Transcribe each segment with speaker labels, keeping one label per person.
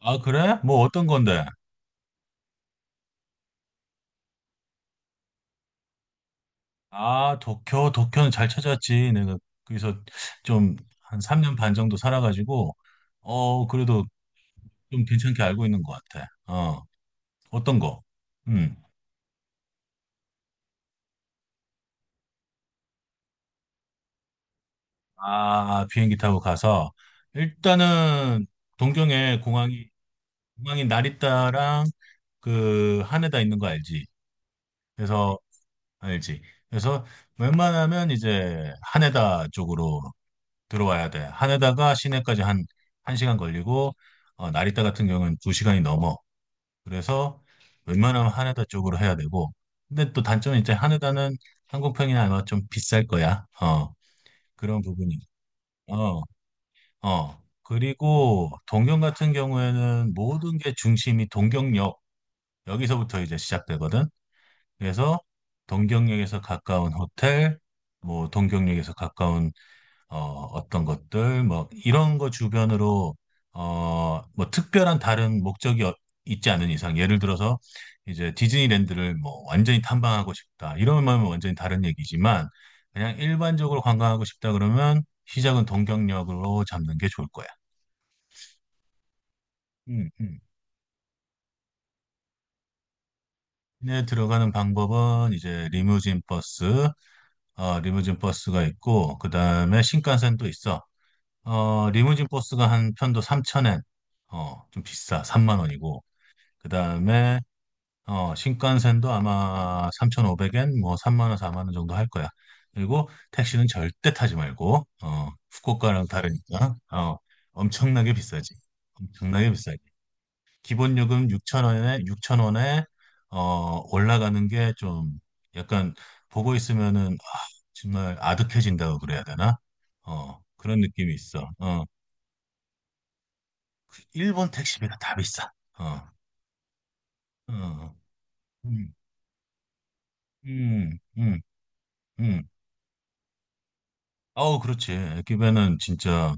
Speaker 1: 아, 그래? 뭐 어떤 건데? 아, 도쿄, 도쿄는 잘 찾았지. 내가 거기서 좀 한 3년 반 정도 살아가지고, 그래도 좀 괜찮게 알고 있는 것 같아. 어, 어떤 거? 음. 아, 비행기 타고 가서, 일단은 동경에 공항이, 공항이 나리타랑 그 하네다 있는 거 알지? 그래서, 알지? 그래서 웬만하면 이제 하네다 쪽으로 들어와야 돼. 하네다가 시내까지 한, 한 시간 걸리고, 나리타 같은 경우는 두 시간이 넘어. 그래서 웬만하면 하네다 쪽으로 해야 되고. 근데 또 단점은 이제 하네다는 항공평이 아마 좀 비쌀 거야. 그런 부분이. 어, 어. 그리고 동경 같은 경우에는 모든 게 중심이 동경역. 여기서부터 이제 시작되거든. 그래서 동경역에서 가까운 호텔, 뭐 동경역에서 가까운 어, 어떤 것들, 뭐, 이런 거 주변으로, 어, 뭐, 특별한 다른 목적이 있지 않은 이상, 예를 들어서, 이제 디즈니랜드를 뭐, 완전히 탐방하고 싶다. 이런 마음은 완전히 다른 얘기지만, 그냥 일반적으로 관광하고 싶다 그러면, 시작은 동경역으로 잡는 게 좋을 거야. 음, 음. 시내에 들어가는 방법은 이제 리무진 버스, 리무진 버스가 있고, 그 다음에 신칸센도 있어. 어, 리무진 버스가 한 편도 3,000엔, 어, 좀 비싸, 3만 원이고, 그 다음에, 신칸센도 아마 3,500엔, 뭐, 3만 원, 4만 원 정도 할 거야. 그리고 택시는 절대 타지 말고, 후쿠오카랑 다르니까, 어, 엄청나게 비싸지. 엄청나게 비싸지. 기본 요금 6,000원에, 올라가는 게 좀, 약간, 보고 있으면은, 아, 정말 아득해진다고 그래야 되나? 그런 느낌이 있어. 어. 일본 택시비가 다 비싸. 어, 어, 어. 음, 음, 음, 음. 아우, 그렇지. 에끼벤은 진짜,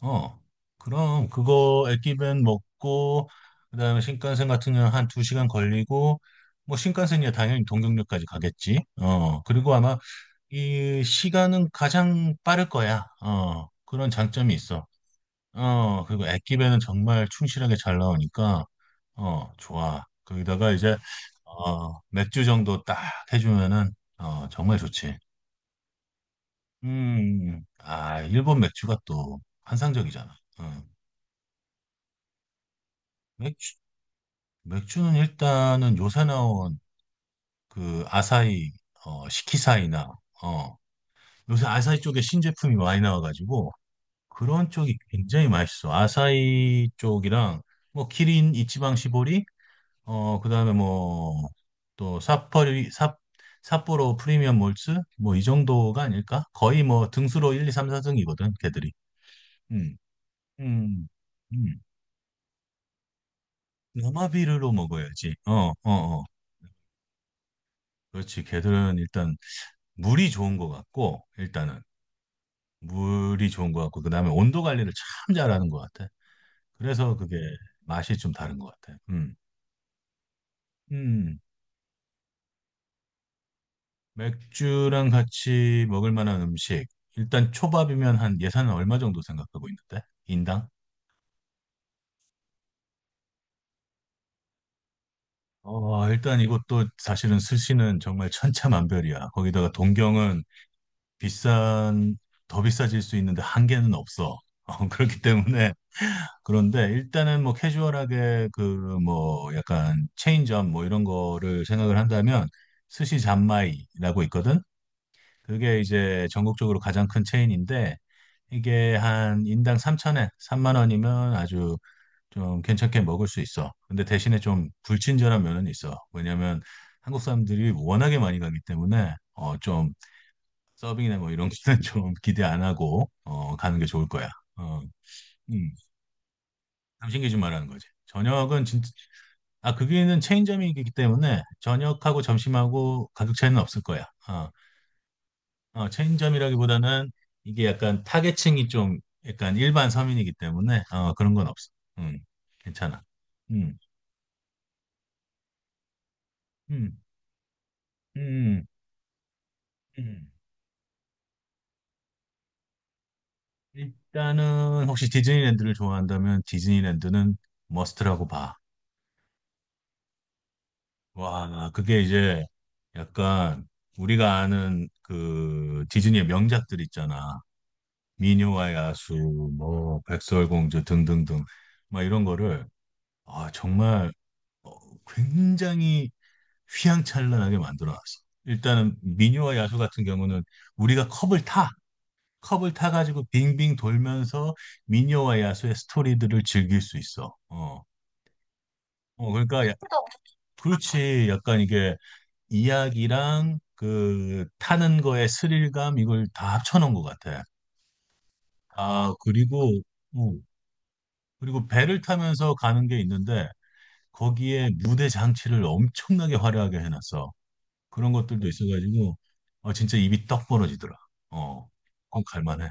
Speaker 1: 어, 그럼 그거 에끼벤 먹고, 그다음에 신칸센 같은 경우는 한 두 시간 걸리고, 뭐 신칸센이야 당연히 동경역까지 가겠지. 그리고 아마 이 시간은 가장 빠를 거야. 그런 장점이 있어. 그리고 에끼벤은 정말 충실하게 잘 나오니까. 어, 좋아. 거기다가 이제, 맥주 정도 딱 해주면은, 정말 좋지. 아, 일본 맥주가 또 환상적이잖아. 어, 맥주, 맥주는 일단은 요새 나온 그 아사히, 시키사이나, 어, 요새 아사히 쪽에 신제품이 많이 나와가지고 그런 쪽이 굉장히 맛있어. 아사히 쪽이랑 뭐 키린 이치방 시보리 어, 그다음에 뭐 또 삿포리 삿 삿포로 프리미엄 몰츠 뭐 이 정도가 아닐까? 거의 뭐 등수로 1, 2, 3, 4등이거든, 걔들이. 음. 음. 음. 야마비르로 먹어야지. 어, 어, 어. 그렇지. 걔들은 일단 물이 좋은 것 같고 일단은 물이 좋은 것 같고 그다음에 온도 관리를 참 잘하는 것 같아. 그래서 그게 맛이 좀 다른 것 같아. 음. 음. 맥주랑 같이 먹을 만한 음식. 일단 초밥이면 한 예산은 얼마 정도 생각하고 있는데? 인당? 어, 일단 이것도 사실은 스시는 정말 천차만별이야. 거기다가 동경은 비싼, 더 비싸질 수 있는데 한계는 없어. 그렇기 때문에. 그런데 일단은 뭐 캐주얼하게 그 뭐 약간 체인점 뭐 이런 거를 생각을 한다면 스시 잔마이라고 있거든? 그게 이제 전국적으로 가장 큰 체인인데 이게 한 인당 3천엔, 3만 원이면 아주 좀 괜찮게 먹을 수 있어. 근데 대신에 좀 불친절한 면은 있어. 왜냐면 한국 사람들이 워낙에 많이 가기 때문에 좀 서빙이나 뭐 이런 거는 좀 기대 안 하고 가는 게 좋을 거야. 어, 음, 삼신기 좀 말하는 거지. 저녁은 진짜 아, 거기는 체인점이기 때문에 저녁하고 점심하고 가격 차이는 없을 거야. 어. 어, 체인점이라기보다는 이게 약간 타겟층이 좀 약간 일반 서민이기 때문에 그런 건 없어. 음, 괜찮아. 음, 음, 음, 음. 일단은 혹시 디즈니랜드를 좋아한다면 디즈니랜드는 머스트라고 봐. 와, 그게 이제 약간 우리가 아는 그 디즈니의 명작들 있잖아. 미녀와 야수, 뭐 백설공주 등등등 막 이런 거를 아 정말 어, 굉장히 휘황찬란하게 만들어 놨어. 일단은 민요와 야수 같은 경우는 우리가 컵을 타, 컵을 타가지고 빙빙 돌면서 민요와 야수의 스토리들을 즐길 수 있어. 어, 어 그러니까 야- 그렇지. 약간 이게 이야기랑 그 타는 거의 스릴감 이걸 다 합쳐놓은 것 같아. 아, 그리고 어, 그리고 배를 타면서 가는 게 있는데 거기에 무대 장치를 엄청나게 화려하게 해놨어. 그런 것들도 있어가지고 아 진짜 입이 떡 벌어지더라. 어, 꼭 갈만해.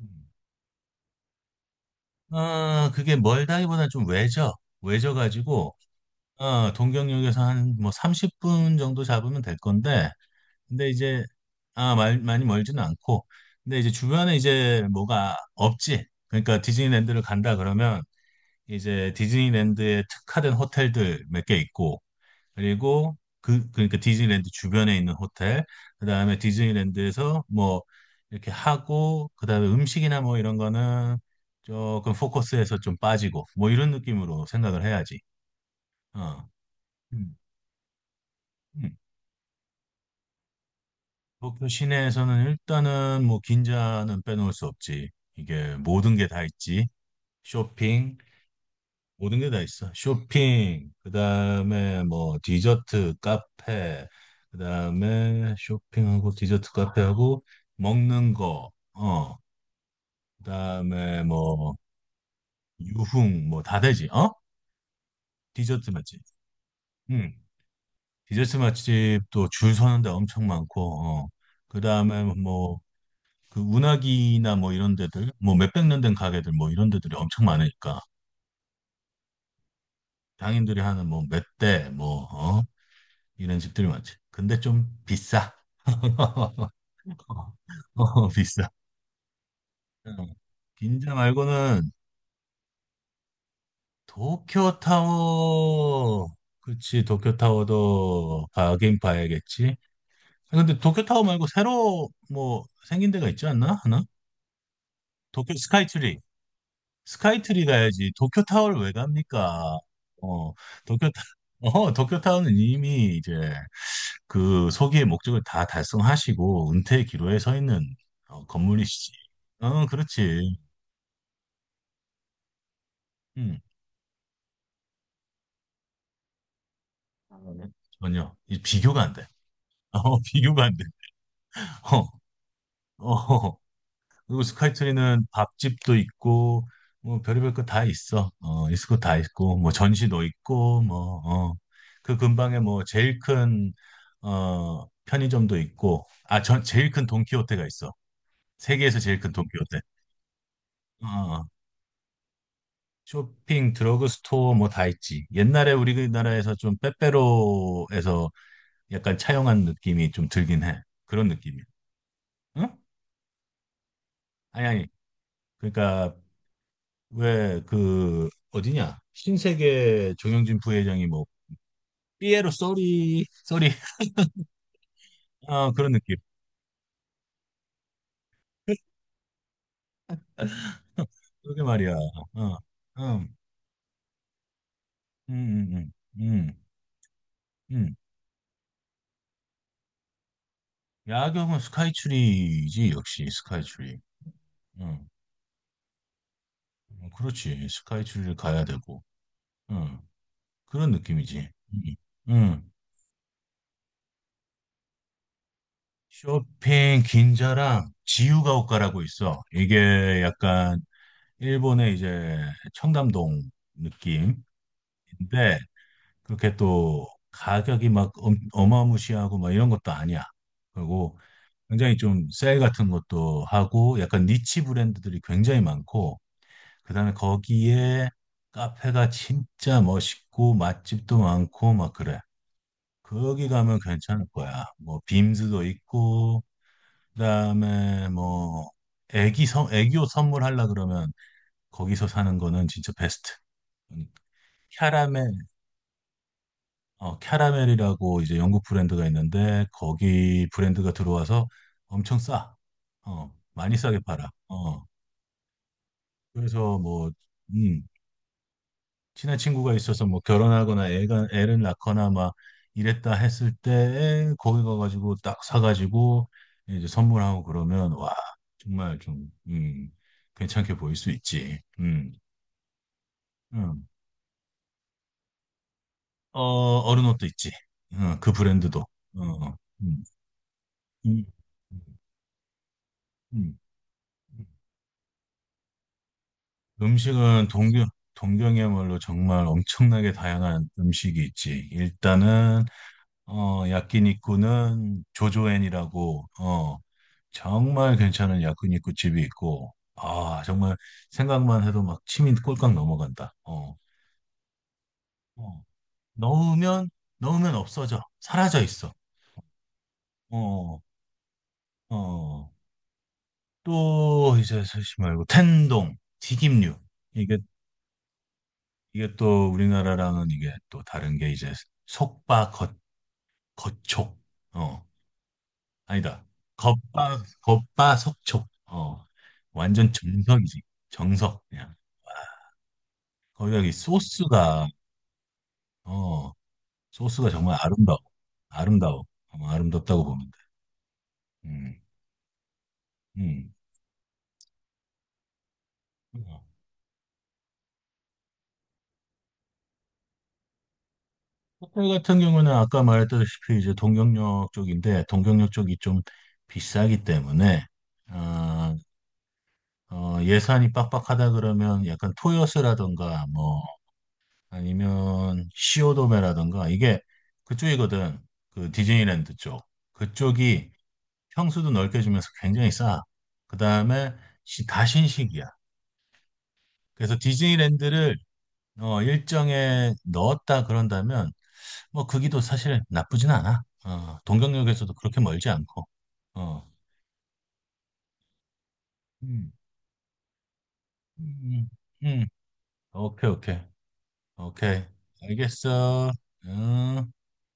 Speaker 1: 음. 아, 그게 멀다기보다 좀 외져. 외져가지고 어, 동경역에서 한 뭐 30분 정도 잡으면 될 건데 근데 이제 아, 많이 멀지는 않고 근데 이제 주변에 이제 뭐가 없지. 그러니까 디즈니랜드를 간다 그러면 이제 디즈니랜드에 특화된 호텔들 몇 개 있고 그리고 그 그러니까 디즈니랜드 주변에 있는 호텔, 그다음에 디즈니랜드에서 뭐 이렇게 하고 그다음에 음식이나 뭐 이런 거는 조금 포커스에서 좀 빠지고 뭐 이런 느낌으로 생각을 해야지. 어. 음, 음. 도쿄 시내에서는 일단은 뭐 긴자는 빼놓을 수 없지. 이게 모든 게 다 있지. 쇼핑, 모든 게 다 있어. 쇼핑, 그다음에 뭐 디저트 카페, 그다음에 쇼핑하고 디저트 카페하고 먹는 거, 어, 그다음에 뭐 유흥 뭐 다 되지. 어? 디저트 맛집. 응. 디저트 맛집도 줄 서는 데 엄청 많고, 어. 그다음에 뭐 그 운하기나 뭐 이런 데들, 뭐 몇백 년 된 가게들 뭐 이런 데들이 엄청 많으니까 장인들이 하는 뭐 멧돼 뭐 어? 이런 집들이 많지. 근데 좀 비싸. 어, 비싸. 어. 빈자 말고는 도쿄타워. 그치, 도쿄타워도 가긴 봐야겠지. 아, 근데 도쿄타워 말고 새로 뭐 생긴 데가 있지 않나? 하나? 도쿄 스카이트리. 스카이트리 가야지. 도쿄타워를 왜 갑니까? 어, 도쿄타, 어, 도쿄타워는 이미 이제 그 소기의 목적을 다 달성하시고 은퇴의 기로에 서 있는 건물이시지. 어, 그렇지. 음. 전혀 이 비교가 안 돼. 어, 비교가 안 돼. 어, 어. 그리고 스카이트리는 밥집도 있고 뭐 별의별 거 다 있어. 어, 있을 거 다 있고 뭐 전시도 있고 뭐 어. 그 근방에 뭐 제일 큰 편의점도 있고 아, 전 제일 큰 돈키호테가 있어. 세계에서 제일 큰 돈키호테. 어, 어. 쇼핑, 드러그스토어 뭐 다 있지. 옛날에 우리나라에서 좀 빼빼로에서 약간 차용한 느낌이 좀 들긴 해. 그런 느낌이야. 응? 아니, 아니. 그러니까 왜 그 어디냐? 신세계 정영진 부회장이 뭐 삐에로 쏘리 쏘리 아 그런 느낌. 그러게 말이야. 어, 음, 음, 음, 음, 음. 음. 야경은 스카이트리지 역시 스카이트리. 응, 그렇지. 스카이트리를 가야 되고. 응. 그런 느낌이지. 응. 쇼핑 긴자랑 지유가오카라고 있어. 이게 약간 일본의 이제 청담동 느낌인데 그렇게 또 가격이 막 어마무시하고 막 이런 것도 아니야. 그리고 굉장히 좀 세일 같은 것도 하고 약간 니치 브랜드들이 굉장히 많고 그다음에 거기에 카페가 진짜 멋있고 맛집도 많고 막 그래. 거기 가면 괜찮을 거야. 뭐 빔스도 있고 그다음에 뭐 애기 선 애교 선물하려 그러면 거기서 사는 거는 진짜 베스트. 음, 캐러멜 어 캐러멜이라고 이제 영국 브랜드가 있는데 거기 브랜드가 들어와서 엄청 싸. 어 많이 싸게 팔아. 어 그래서 뭐음 친한 친구가 있어서 뭐 결혼하거나 애가 애를 낳거나 막 이랬다 했을 때 거기 가가지고 딱 사가지고 이제 선물하고 그러면 와 정말 좀 괜찮게 보일 수 있지. 음. 어 어른 옷도 있지. 어, 그 브랜드도. 어, 음, 음, 음. 음, 음. 음식은 동경 동경이야말로 정말 엄청나게 다양한 음식이 있지. 일단은 어 야끼니쿠는 조조엔이라고 정말 괜찮은 야쿠니쿠 집이 있고, 아, 정말 생각만 해도 막 침이 꼴깍 넘어간다. 어, 어. 넣으면, 넣으면 없어져. 사라져 있어. 어, 어. 또, 이제, 사실 말고, 텐동, 튀김류. 이게, 이게 또 우리나라랑은 이게 또 다른 게 이제, 속바, 겉, 겉촉. 어, 아니다. 겉바, 속촉. 어, 완전 정석이지. 정석, 그냥. 거기다 이 소스가 어, 소스가 정말 아름다워. 아름다워. 어, 아름답다고 보면 돼. 음, 음. 어. 호텔 같은 경우는 아까 말했다시피 이제 동경역 쪽인데, 동경역 쪽이 좀 비싸기 때문에, 아, 예산이 빡빡하다 그러면 약간 토요스라던가, 뭐, 아니면 시오도메라던가, 이게 그쪽이거든. 그 디즈니랜드 쪽. 그쪽이 평수도 넓게 주면서 굉장히 싸. 그 다음에 다 신식이야. 그래서 디즈니랜드를 일정에 넣었다 그런다면 뭐 거기도 사실 나쁘진 않아. 어, 동경역에서도 그렇게 멀지 않고. 어. 음. 음. 음. 음. 오케이, 오케이. 오케이. 알겠어. 음.